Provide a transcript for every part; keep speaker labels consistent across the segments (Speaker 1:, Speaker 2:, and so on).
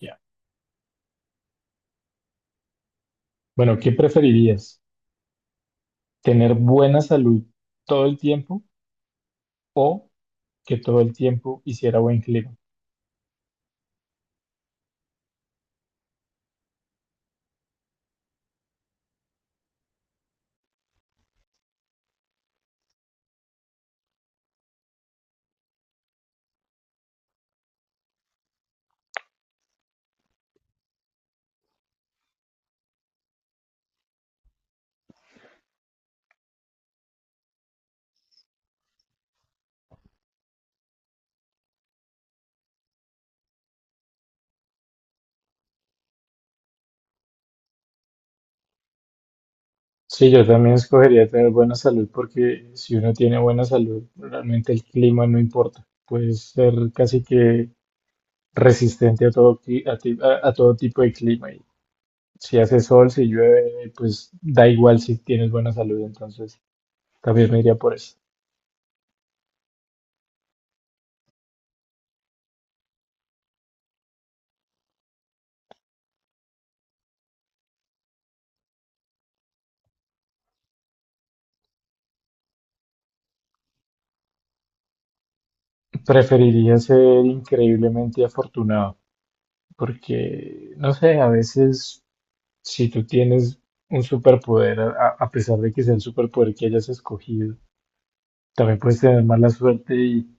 Speaker 1: Ya. Bueno, ¿qué preferirías? ¿Tener buena salud todo el tiempo o que todo el tiempo hiciera buen clima? Sí, yo también escogería tener buena salud porque si uno tiene buena salud, realmente el clima no importa. Puedes ser casi que resistente a todo, a todo tipo de clima. Y si hace sol, si llueve, pues da igual si tienes buena salud. Entonces, también me iría por eso. Preferiría ser increíblemente afortunado porque, no sé, a veces, si tú tienes un superpoder, a pesar de que sea el superpoder que hayas escogido, también puedes tener mala suerte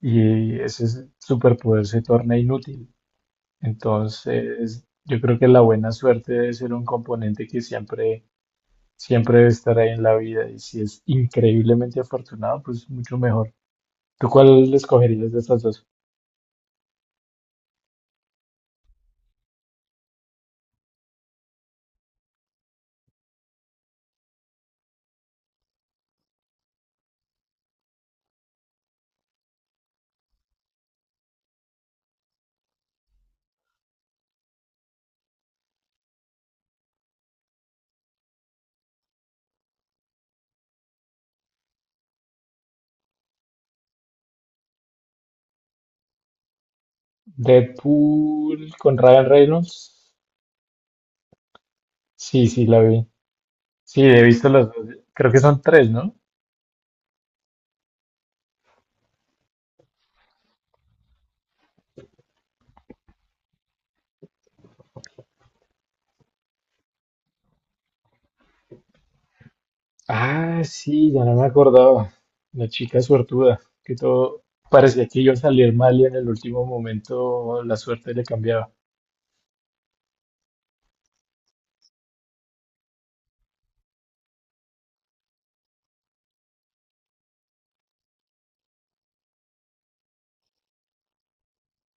Speaker 1: y ese superpoder se torna inútil. Entonces, yo creo que la buena suerte debe ser un componente que siempre, siempre debe estar ahí en la vida. Y si es increíblemente afortunado, pues mucho mejor. ¿Tú cuál escogerías de estas dos? Deadpool con Ryan Reynolds. Sí, sí, la vi. Sí, he visto las dos. Creo que son tres, ¿no? Ah, sí, ya no me acordaba. La chica suertuda, que todo parecía que iba a salir mal y en el último momento la suerte le cambiaba.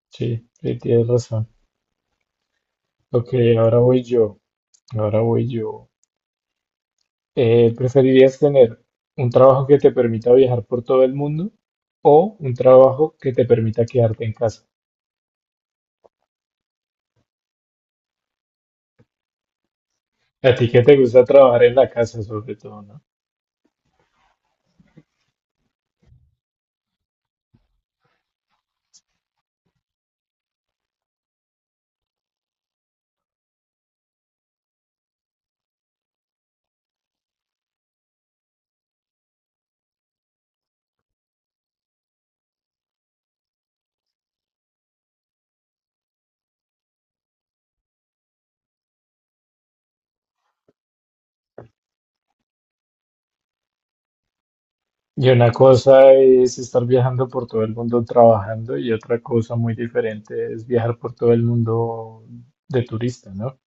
Speaker 1: Sí, sí, tienes razón. Ok, ahora voy yo. Ahora voy yo. ¿Preferirías tener un trabajo que te permita viajar por todo el mundo o un trabajo que te permita quedarte en casa? A ti que te gusta trabajar en la casa, sobre todo, ¿no? Y una cosa es estar viajando por todo el mundo trabajando y otra cosa muy diferente es viajar por todo el mundo de turista, ¿no?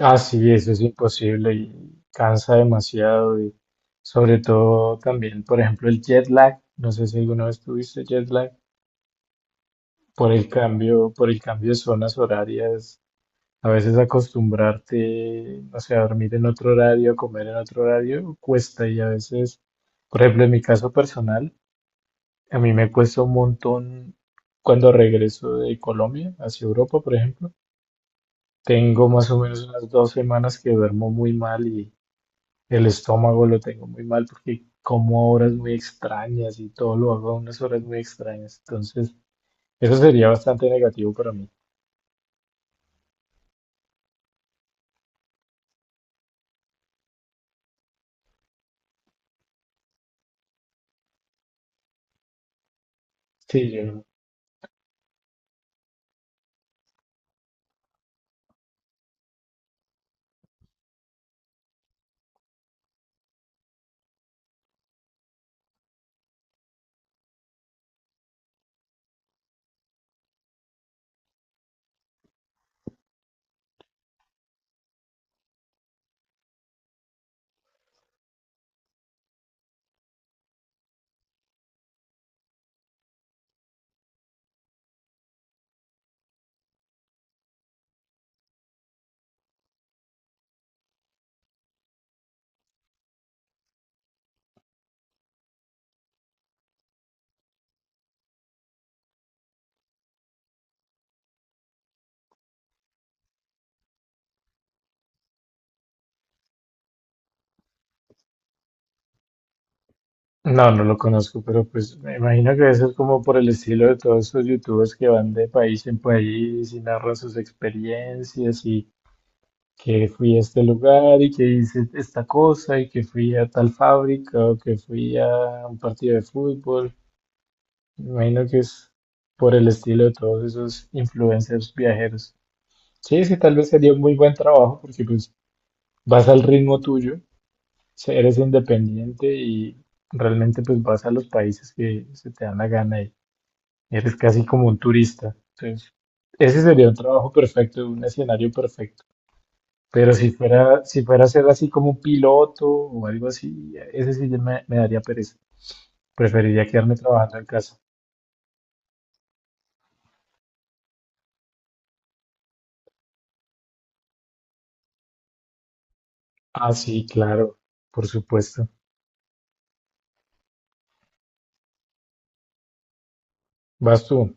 Speaker 1: Ah, sí, eso es imposible y cansa demasiado y sobre todo también, por ejemplo, el jet lag, no sé si alguna vez tuviste jet lag, por el cambio de zonas horarias. A veces acostumbrarte, no sé, a dormir en otro horario, a comer en otro horario, cuesta, y a veces, por ejemplo, en mi caso personal, a mí me cuesta un montón cuando regreso de Colombia hacia Europa, por ejemplo. Tengo más o menos unas 2 semanas que duermo muy mal y el estómago lo tengo muy mal porque como a horas muy extrañas y todo lo hago a unas horas muy extrañas. Entonces, eso sería bastante negativo para mí. Sí, yo no, no no lo conozco, pero pues me imagino que eso es como por el estilo de todos esos youtubers que van de país en país y narran sus experiencias y que fui a este lugar y que hice esta cosa y que fui a tal fábrica o que fui a un partido de fútbol. Me imagino que es por el estilo de todos esos influencers viajeros. Sí, sí, tal vez sería un muy buen trabajo porque pues vas al ritmo tuyo, eres independiente y realmente pues vas a los países que se te dan la gana y eres casi como un turista. Entonces, ese sería un trabajo perfecto, un escenario perfecto. Pero si fuera, si fuera a ser así como un piloto o algo así, ese sí ya me daría pereza. Preferiría quedarme trabajando en casa. Ah, sí, claro, por supuesto. Vas tú.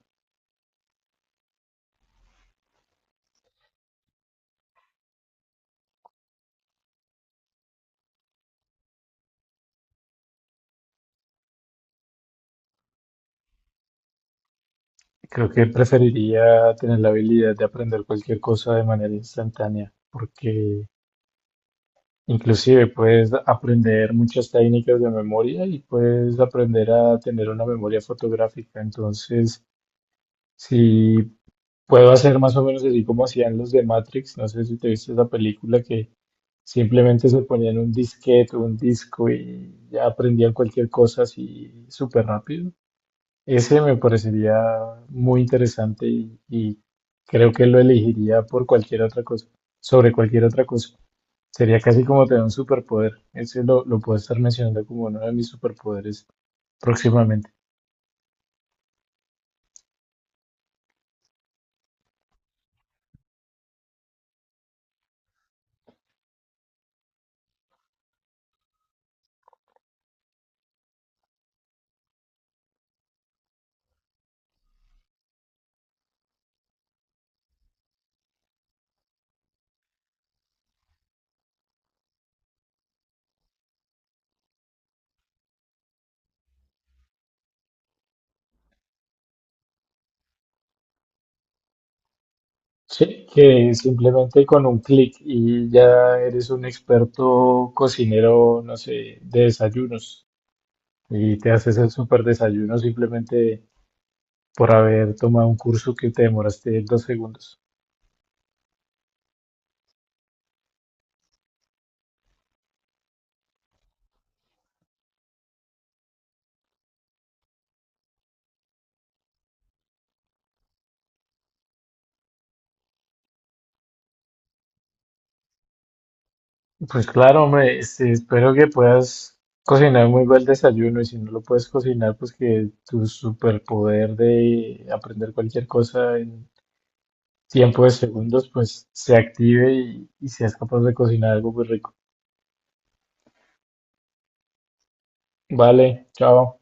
Speaker 1: Creo que preferiría tener la habilidad de aprender cualquier cosa de manera instantánea, porque inclusive puedes aprender muchas técnicas de memoria y puedes aprender a tener una memoria fotográfica. Entonces, si puedo hacer más o menos así como hacían los de Matrix, no sé si te viste esa película que simplemente se ponían un disquete o un disco y ya aprendían cualquier cosa así súper rápido. Ese me parecería muy interesante y creo que lo elegiría por cualquier otra cosa, sobre cualquier otra cosa. Sería casi como tener un superpoder. Ese lo puedo estar mencionando como uno de mis superpoderes próximamente. Sí, que simplemente con un clic y ya eres un experto cocinero, no sé, de desayunos. Y te haces el súper desayuno simplemente por haber tomado un curso que te demoraste 2 segundos. Pues claro, hombre, este, espero que puedas cocinar muy buen desayuno y si no lo puedes cocinar, pues que tu superpoder de aprender cualquier cosa en tiempo de segundos, pues se active y seas capaz de cocinar algo muy rico. Vale, chao.